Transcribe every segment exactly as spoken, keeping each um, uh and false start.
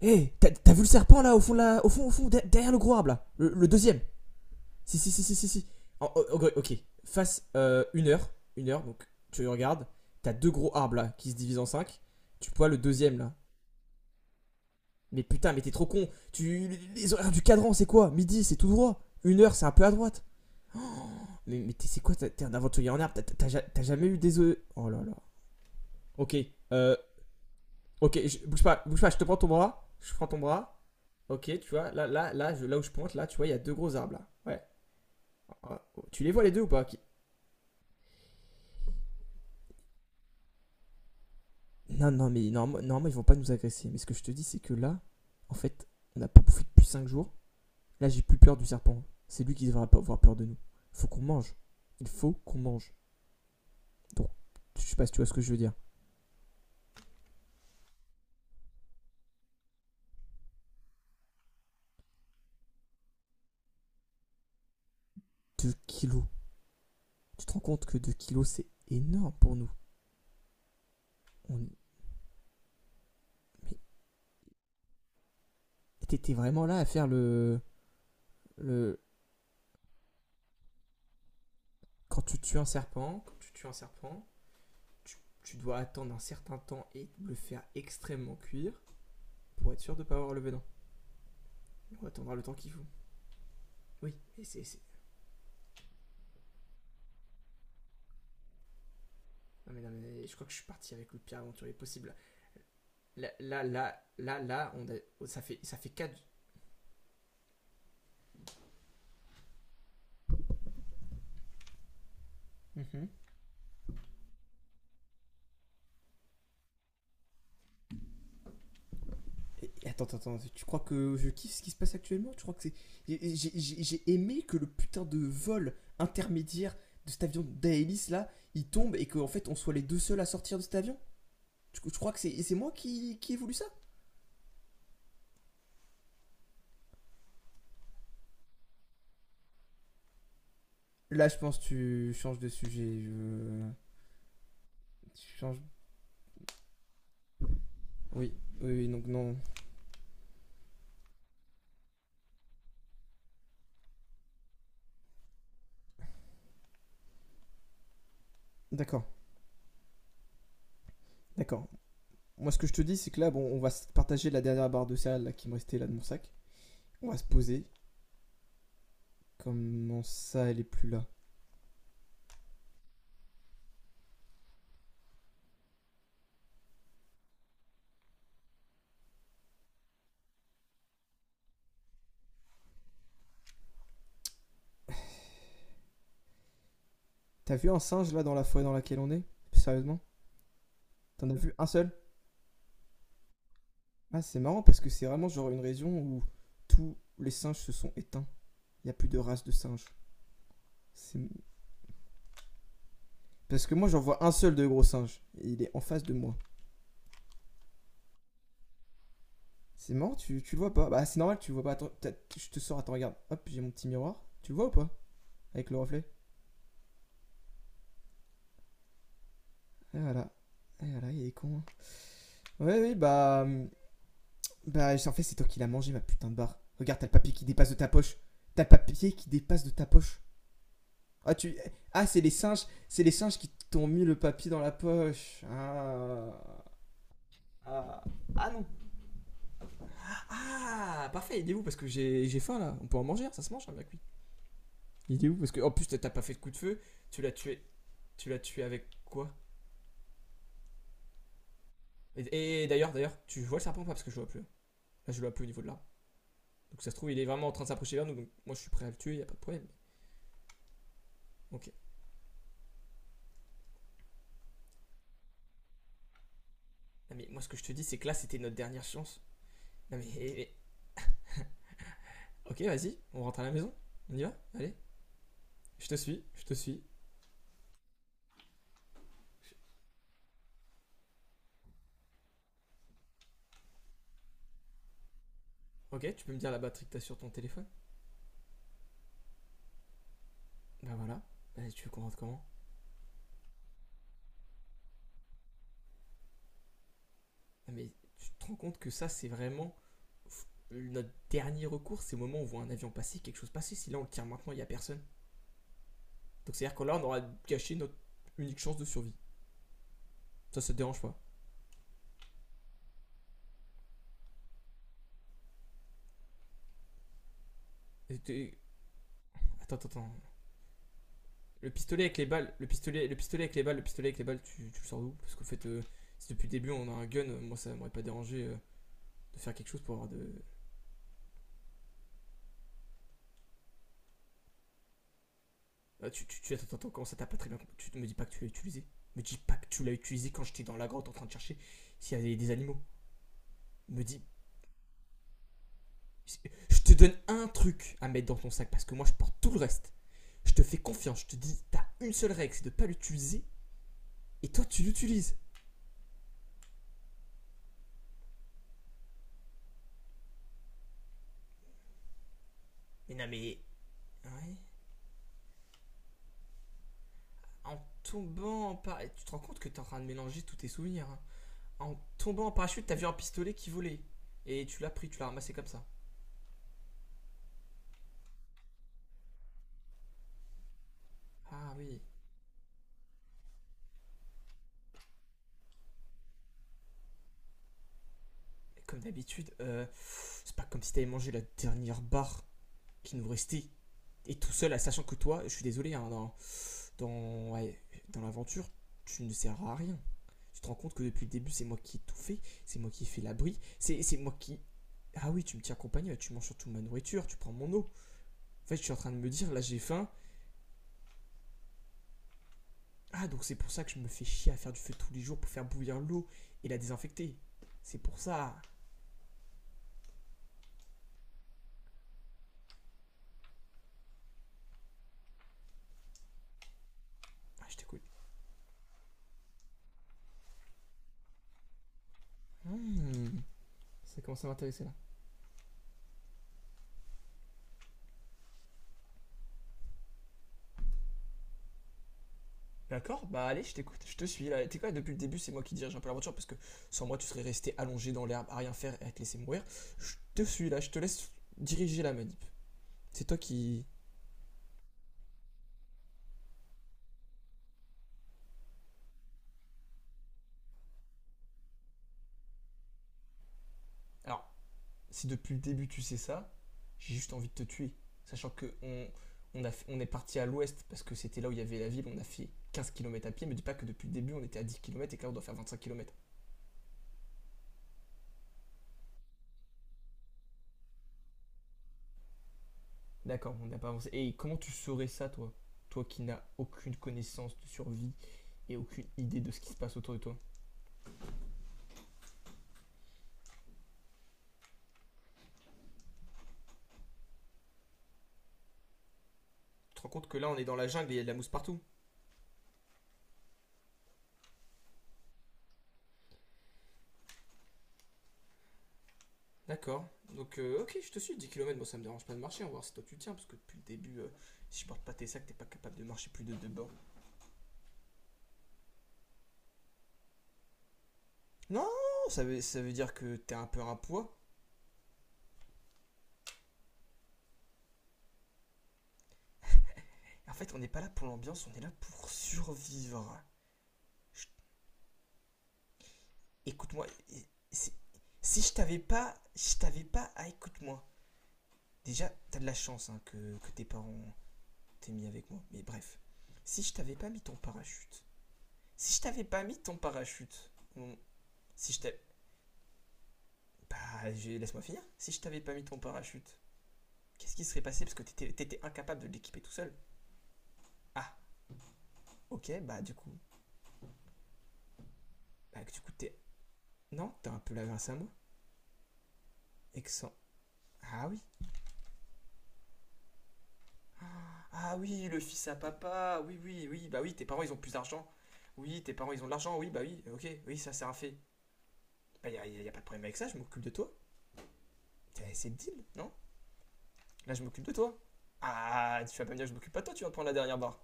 Hé, t'as, t'as vu le serpent là au fond, là, au fond, au fond, derrière le gros arbre là? Le, le deuxième? Si, si, si, si, si, si. En- ok, ok. Face euh, une heure, une heure, donc tu regardes, t'as deux gros arbres là qui se divisent en cinq. Tu vois le deuxième là. Mais putain, mais t'es trop con. Tu, les horaires du cadran, c'est quoi? Midi, c'est tout droit. Une heure, c'est un peu à droite. Mais, mais t'es, c'est quoi? T'es t'es un aventurier en arbre. T'as, t'as- t'as ja- t'as jamais eu des œufs. Oh là là. Ok, euh, ok, je- bouge pas, bouge pas. Je te prends ton bras. Je prends ton bras. Ok, tu vois, là, là, là, je- là où je pointe, là, tu vois, il y a deux gros arbres là. Ouais. Ouais. Tu les vois les deux ou pas? Qui- Non, non, mais normalement, normalement, ils vont pas nous agresser. Mais ce que je te dis, c'est que là, en fait, on n'a pas bouffé depuis cinq jours. Là, j'ai plus peur du serpent. C'est lui qui devrait pas avoir peur de nous. Il faut qu'on mange. Il faut qu'on mange. Donc, je sais pas si tu vois ce que je veux dire. Deux kilos. Tu te rends compte que deux kilos, c'est énorme pour nous. On... Mais t'étais vraiment là à faire le. Le... Quand tu tues un serpent, quand tu tues un serpent, tu, tu dois attendre un certain temps et le faire extrêmement cuire pour être sûr de ne pas avoir le venin. On attendra le temps qu'il faut. Oui, mais c'est. Non mais, non mais je crois que je suis parti avec le pire aventurier possible. Là, là, là, là, là, on a- ça fait ça fait quatre. Et- et Attends, attends, tu crois que je kiffe ce qui se passe actuellement? Tu crois que c'est. J'ai j'ai- j'ai aimé que le putain de vol intermédiaire de cet avion d'Aelis là, il tombe et qu'en fait on soit les deux seuls à sortir de cet avion? Tu, tu crois que c'est c'est moi qui, qui ai voulu ça? Là, je pense que tu changes de sujet. je- Tu changes. Oui, oui, oui, donc non. D'accord, d'accord. Moi, ce que je te dis, c'est que là, bon, on va partager la dernière barre de céréales là, qui me restait là de mon sac. On va se poser. Comment ça, elle est plus là? T'as vu un singe là dans la forêt dans laquelle on est? Sérieusement? T'en as vu un seul? Ah, c'est marrant parce que c'est vraiment genre une région où tous les singes se sont éteints. Il n'y a plus de race de singes. C'est... Parce que moi, j'en vois un seul de gros singe. Et il est en face de moi. C'est marrant, tu, tu le vois pas. Bah, c'est normal, tu le vois pas. Attends, je te sors, attends, regarde. Hop, j'ai mon petit miroir. Tu le vois ou pas? Avec le reflet. Et voilà. Et voilà, il est con, hein. Ouais, oui, bah. hum, Bah, en fait, c'est toi qui l'as mangé, ma putain de barre. Regarde, t'as le papier qui dépasse de ta poche. T'as le papier qui dépasse de ta poche. Ah, tu. Ah, c'est les singes. C'est les singes qui t'ont mis le papier dans la poche. Ah. Ah, ah, non. Ah, parfait, il est où? Parce que j'ai j'ai faim là. On peut en manger, hein, ça se mange, un, hein, bien cuit. Il est où? Parce que, en plus, t'as pas fait de coup de feu. Tu l'as tué. Tu l'as tué avec quoi? Et, et d'ailleurs, d'ailleurs, tu vois le serpent ou pas? Parce que je le vois plus. Là, je le vois plus au niveau de l'arbre. Donc ça se trouve, il est vraiment en train de s'approcher vers nous. Donc moi, je suis prêt à le tuer, y a pas de problème. Ok. Non, mais moi, ce que je te dis, c'est que là, c'était notre dernière chance. Non, mais. Eh, eh. Ok, vas-y, on rentre à la maison. On y va? Allez. Je te suis, je te suis. Ok, tu peux me dire la batterie que t'as sur ton téléphone? Bah voilà. Allez, tu veux qu'on rentre comment? Non, mais tu te rends compte que ça, c'est vraiment. Notre dernier recours, c'est au moment où on voit un avion passer, quelque chose passer. Si là, on le tire maintenant, il y a personne. Donc c'est-à-dire que là, on aura gâché notre unique chance de survie. Ça, ça te dérange pas. Attends, attends, attends. Le pistolet avec les balles, le pistolet, le pistolet avec les balles, le pistolet avec les balles, tu, tu le sors d'où? Parce qu'en fait, euh, si depuis le début on a un gun, euh, moi ça m'aurait pas dérangé euh, de faire quelque chose pour avoir de. Ah, tu, tu, tu- attends, attends, comment ça t'as pas très bien compris? Tu me dis pas que tu l'as utilisé. Me dis pas que tu l'as utilisé quand j'étais dans la grotte en train de chercher s'il y avait des animaux. Me dis. Je te donne un truc à mettre dans ton sac parce que moi je porte tout le reste. Je te fais confiance, je te dis, t'as une seule règle, c'est de pas l'utiliser et toi tu l'utilises. Mais non, mais. Ouais. En tombant en parachute. Tu te rends compte que t'es en train de mélanger tous tes souvenirs, hein. En tombant en parachute, t'as vu un pistolet qui volait. Et tu l'as pris, tu l'as ramassé comme ça. Ah oui. Et comme d'habitude, euh, c'est pas comme si t'avais mangé la dernière barre qui nous restait. Et tout seul, à sachant que toi, je suis désolé, hein, dans, dans, ouais, dans l'aventure, tu ne sers à rien. Tu te rends compte que depuis le début, c'est moi qui ai tout fait, c'est moi qui ai fait l'abri, c'est c'est moi qui. Ah oui, tu me tiens compagnie, ouais, tu manges surtout ma nourriture, tu prends mon eau. En fait, je suis en train de me dire, là j'ai faim. Ah, donc c'est pour ça que je me fais chier à faire du feu tous les jours pour faire bouillir l'eau et la désinfecter. C'est pour ça. Ah, je t'écoute. Hmm, ça commence à m'intéresser là. D'accord, bah allez, je t'écoute, je te suis là. T'es quoi, depuis le début, c'est moi qui dirige un peu l'aventure parce que sans moi, tu serais resté allongé dans l'herbe à rien faire et à te laisser mourir. Je te suis là, je te laisse diriger la manip. C'est toi qui. Alors, si depuis le début tu sais ça, j'ai juste envie de te tuer. Sachant que on, on, a on est parti à l'ouest parce que c'était là où il y avait la ville, on a fait quinze kilomètres à pied. Me dis pas que depuis le début on était à dix kilomètres et que là on doit faire vingt-cinq kilomètres. D'accord, on n'a pas avancé. Et comment tu saurais ça, toi? Toi qui n'as aucune connaissance de survie et aucune idée de ce qui se passe autour de toi. Tu te rends compte que là, on est dans la jungle et il y a de la mousse partout. D'accord. Donc, euh, ok, je te suis, dix kilomètres. Moi ça me dérange pas de marcher. On va voir si toi tu tiens, parce que depuis le début, euh, si je porte pas tes sacs, t'es pas capable de marcher plus de deux bornes. Non, ça veut, ça veut dire que t'es un peu un poids. En fait, on n'est pas là pour l'ambiance, on est là pour survivre. Écoute-moi, si je t'avais pas, je t'avais pas, ah écoute-moi. Déjà, t'as de la chance hein, que, que tes parents t'aient mis avec moi, mais bref. Si je t'avais pas mis ton parachute, si je t'avais pas mis ton parachute, hum, si je t'avais. Bah, laisse-moi finir. Si je t'avais pas mis ton parachute, qu'est-ce qui serait passé? Parce que t'étais, t'étais incapable de l'équiper tout seul. Ah, ok, bah du coup, bah, du coup, t'es. Non, t'as un peu la grâce à moi. Excellent. Ah oui. Ah oui, le fils à papa. Oui, oui, oui. Bah oui, tes parents, ils ont plus d'argent. Oui, tes parents, ils ont de l'argent. Oui, bah oui. Ok, oui, ça, c'est un fait. Bah, y a, y a- pas de problème avec ça. Je m'occupe de toi. C'est- C'est le deal, non? Là, je m'occupe de toi. Ah, tu vas pas me dire que je m'occupe pas de toi. Tu vas me prendre la dernière barre.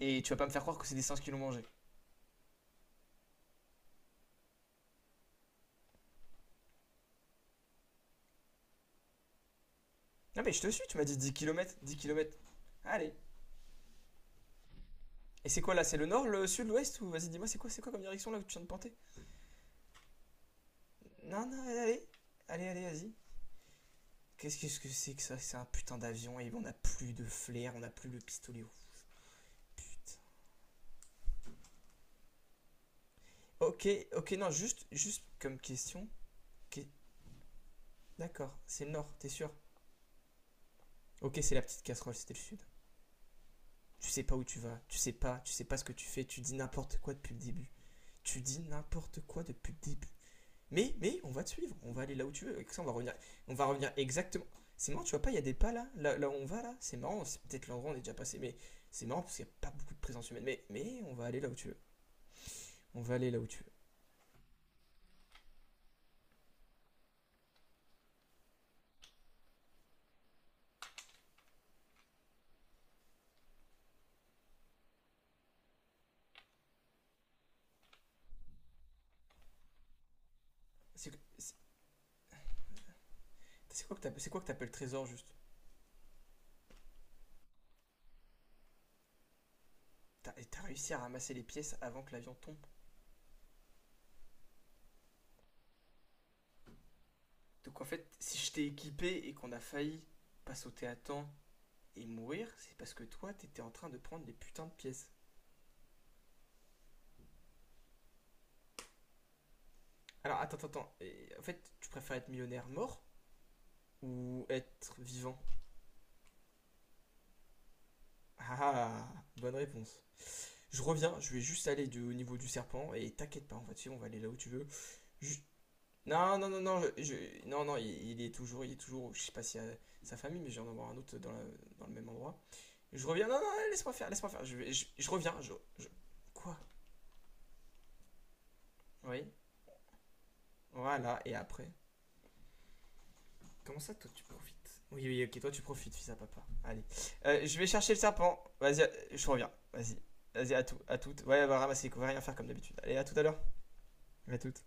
Et tu vas pas me faire croire que c'est des singes qui l'ont mangé. Non, mais je te suis. Tu m'as dit dix kilomètres, dix kilomètres. Allez. Et c'est quoi là? C'est le nord, le sud, l'ouest? Ou vas-y, dis-moi, c'est quoi, c'est quoi comme direction là où tu viens de porter? Non, non, allez. Allez, allez, vas-y. Qu'est-ce que c'est que ça? C'est un putain d'avion et on n'a plus de flair, on n'a plus le pistolet. Oh, putain. Ok, ok, non, juste, juste comme question. Ok, d'accord, c'est le nord, t'es sûr? Ok, c'est la petite casserole, c'était le sud. Tu sais pas où tu vas, tu sais pas, tu sais pas ce que tu fais, tu dis n'importe quoi depuis le début. Tu dis n'importe quoi depuis le début. Mais, mais, on va te suivre, on va aller là où tu veux. Avec ça, on va revenir, on va revenir exactement. C'est marrant, tu vois pas, il y a des pas là, là, là où on va là. C'est marrant, c'est peut-être l'endroit où on est déjà passé, mais c'est marrant parce qu'il y a pas beaucoup de présence humaine. Mais, mais, on va aller là où tu veux. On veut aller là où tu veux. C'est quoi que t'appelles- c'est trésor juste? T'as réussi à ramasser les pièces avant que l'avion tombe. Donc en fait, si je t'ai équipé et qu'on a failli pas sauter à temps et mourir, c'est parce que toi, t'étais en train de prendre les putains de pièces. Alors attends, attends, attends. Et, en fait, tu préfères être millionnaire mort ou être vivant? Ah, bonne réponse. Je reviens, je vais juste aller du, au niveau du serpent et t'inquiète pas, en fait, si on va aller là où tu veux. Ju- Non, non, non, non, je, je- non, non, il, il est toujours, il est toujours, je sais pas si à sa famille, mais je viens d'en voir un autre dans, la- dans le même endroit. Je reviens, non, non, laisse-moi faire, laisse-moi faire, je, vais- je, je reviens, je, je- Quoi? Oui, voilà, et après? Comment ça, toi, tu profites? Oui, oui, ok, toi, tu profites, fils à papa. Allez, euh, je vais chercher le serpent, vas-y, à- je reviens, vas-y, vas-y, à tout, à toutes, ouais, va ramasser, on va rien faire comme d'habitude. Allez, à tout à l'heure, à toutes.